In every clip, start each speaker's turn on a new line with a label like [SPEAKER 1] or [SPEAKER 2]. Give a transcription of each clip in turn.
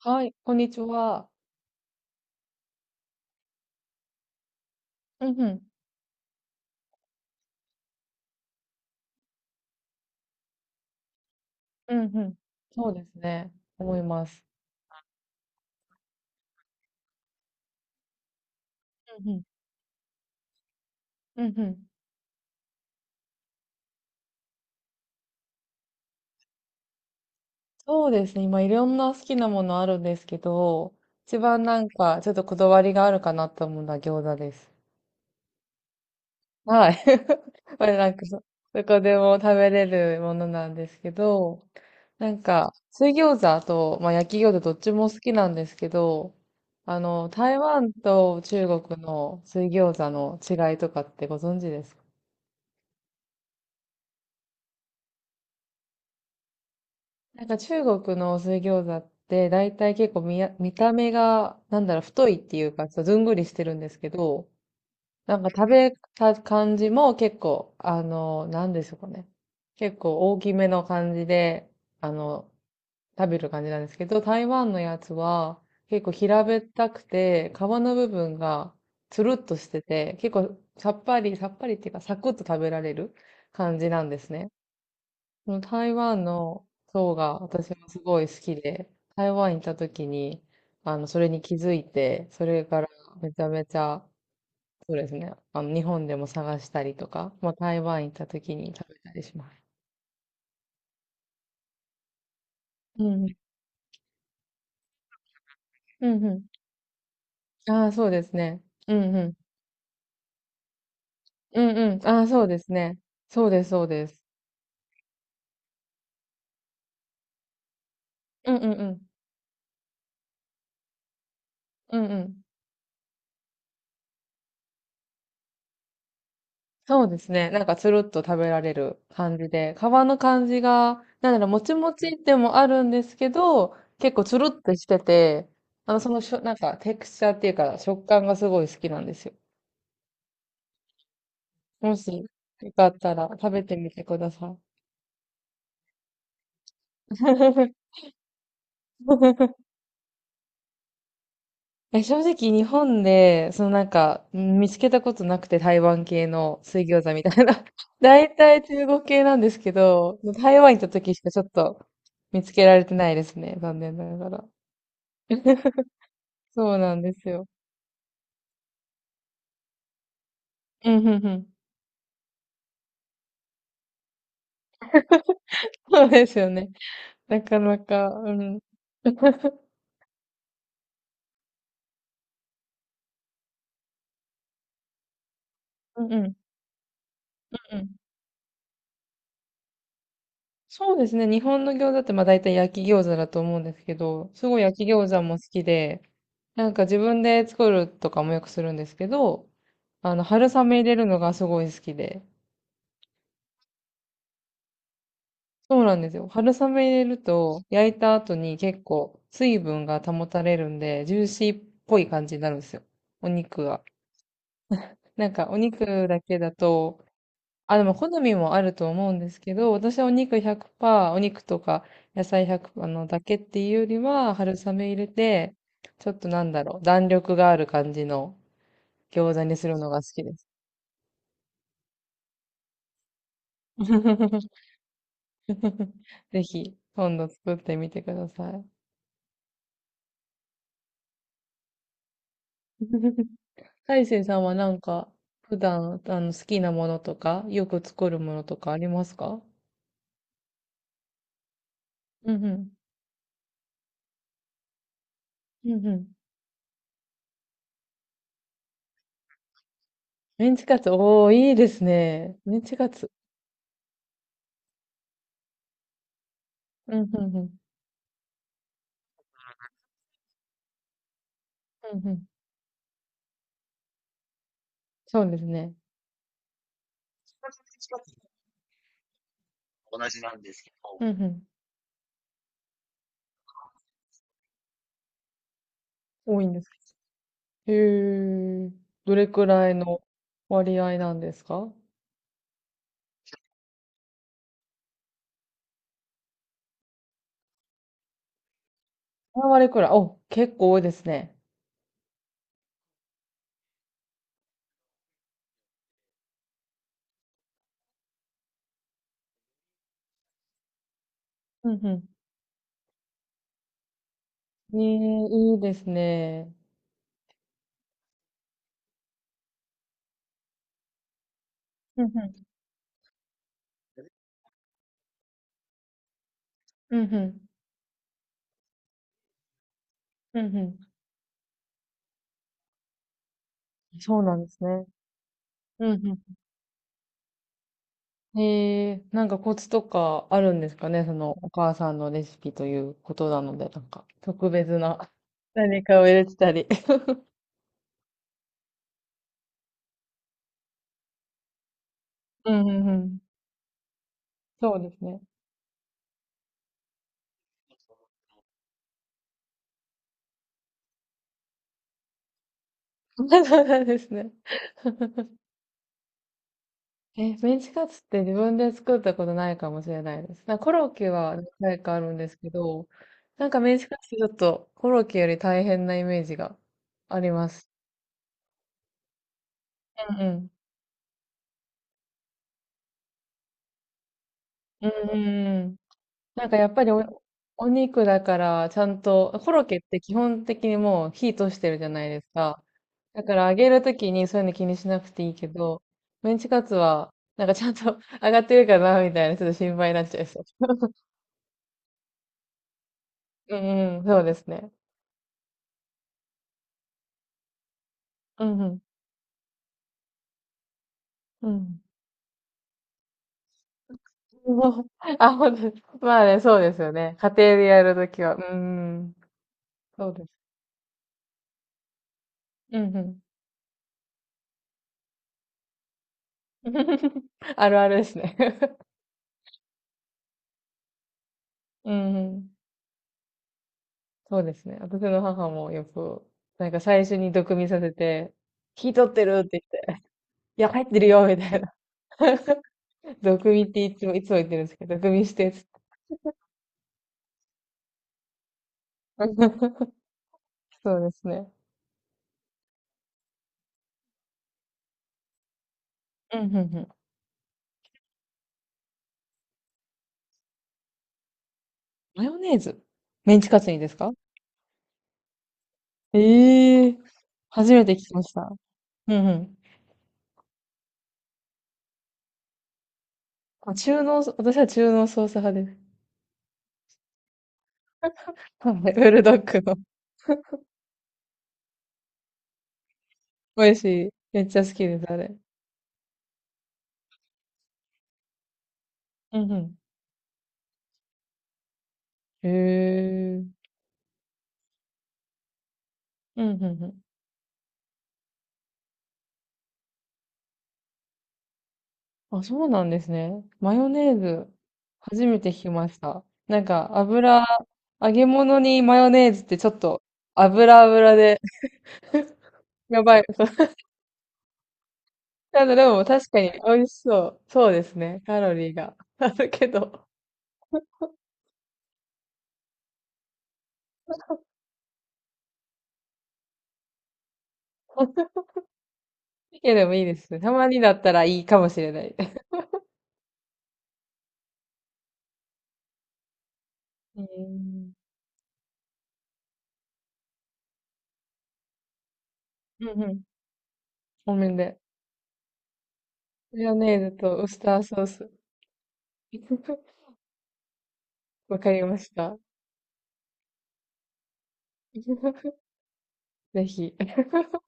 [SPEAKER 1] はい、こんにちは。うんうん、うんうん。そうですね、思います。うんうん、うんうん。そうですね、今いろんな好きなものあるんですけど、一番なんかちょっとこだわりがあるかなと思うのは餃子です。はい。これなんかそ、どこでも食べれるものなんですけど、なんか、水餃子と、まあ、焼き餃子どっちも好きなんですけど、台湾と中国の水餃子の違いとかってご存知ですか？なんか中国の水餃子って大体結構見や、見た目がなんだろう太いっていうかちょっとずんぐりしてるんですけど、なんか食べた感じも結構なんでしょうかね。結構大きめの感じで、あの、食べる感じなんですけど、台湾のやつは結構平べったくて皮の部分がつるっとしてて、結構さっぱりっていうかサクッと食べられる感じなんですね。その台湾の層が私もすごい好きで、台湾行った時に、それに気づいて、それからめちゃめちゃ、そうですね、日本でも探したりとか、まあ、台湾行った時に食べたりします。うん、うん、うん。ああ、そうですね。うん、うん。うん、うん。ああ、そうですね。そうです、そうです。うん、うん、うん。うん、うん。そうですね。なんかつるっと食べられる感じで、皮の感じが、なんだろう、もちもちでもあるんですけど、結構つるっとしてて、あの、そのしょ、なんかテクスチャーっていうか食感がすごい好きなんですよ。もし、よかったら食べてみてください。え、正直日本で、そのなんか、うん、見つけたことなくて台湾系の水餃子みたいな。大体中国系なんですけど、台湾行った時しかちょっと見つけられてないですね。残念ながら。そうなんですよ。うん、うん、うん。そうですよね。なかなか、うん。うんうん。うん。そうですね。日本の餃子ってまあ大体焼き餃子だと思うんですけど、すごい焼き餃子も好きで、なんか自分で作るとかもよくするんですけど、春雨入れるのがすごい好きで。そうなんですよ。春雨入れると焼いた後に結構水分が保たれるんで、ジューシーっぽい感じになるんですよ。お肉が。なんかお肉だけだと、あ、でも好みもあると思うんですけど、私はお肉100%、お肉とか野菜100%あのだけっていうよりは、春雨入れて、ちょっとなんだろう、弾力がある感じの餃子にするのが好きです。ぜひ、今度作ってみてください。大成さんはなんか、普段、好きなものとか、よく作るものとかありますか？うんうん。うんうん。メンチカツ、おー、いいですね。メンチカツ。うんうんうん。うんうん。そうですね。うんうん。多いんです、へえ。どれくらいの割合なんですか ?3 割くらい。お、結構多いですね。うんうん。ねえ、いいですね。うんうん。うんうん。うんうん。そうなんですね。うんうん。へえ、なんかコツとかあるんですかね？そのお母さんのレシピということなので、なんか特別な 何かを入れてたり。うんうんうん。そうですね。そうなんですね。え、メンチカツって自分で作ったことないかもしれないです。なんかコロッケは何回かあるんですけど、なんかメンチカツってちょっとコロッケより大変なイメージがあります。うん。うんうんうん。なんかやっぱりお、お肉だからちゃんと、コロッケって基本的にもう火通してるじゃないですか。だから揚げるときにそういうの気にしなくていいけど、メンチカツはなんかちゃんと 揚がってるかなみたいなちょっと心配になっちゃいそう。うんうん、そうですね。うんうん。うん。もう、あ、ほんと、まあね、そうですよね。家庭でやるときは。うーん。そうです。うんうん。あるあるですね。うんうん。そうですね。私の母もよく、なんか最初に毒味させて、火取ってるって言って、いや、入ってるよみたいな。毒味っていつも、いつも言ってるんですけど、毒味してっつって。そうですね。うんうんうん。マヨネーズ、メンチカツにですか？ええー、初めて聞きました。うんうん。あ、中濃、私は中濃ソース派です。はい、ブルドッグの。美味しい。めっちゃ好きです、あれ。うんうん。へえ。うんうんうん。あ、そうなんですね。マヨネーズ、初めて聞きました。なんか、油、揚げ物にマヨネーズってちょっと、油油で やばい。なんだ、でも確かに美味しそう。そうですね。カロリーが あるけど。いや、でもいいですね。たまにだったらいいかもしれない。うん。うんうん。おめで。マヨネーズとウスターソース。わかりました。ぜひ。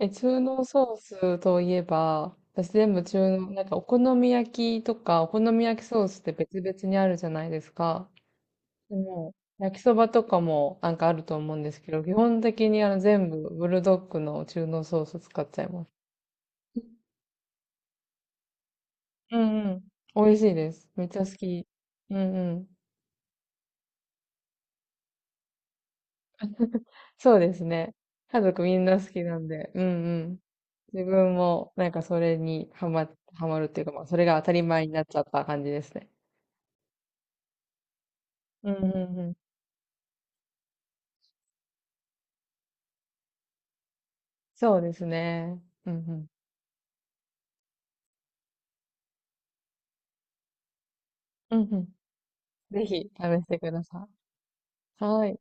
[SPEAKER 1] え、中濃ソースといえば、私全部中濃、なんかお好み焼きとか、お好み焼きソースって別々にあるじゃないですか。でも、焼きそばとかもなんかあると思うんですけど、基本的に全部ブルドッグの中濃ソース使っちゃいます。うんうん。美味しいです。めっちゃ好き。うんうん。そうですね。家族みんな好きなんで、うんうん。自分もなんかそれにハマ、ハマるっていうか、まあそれが当たり前になっちゃった感じですね。うんうんうん。そうですね。うんうん。うんうん。ぜひ試してください。はい。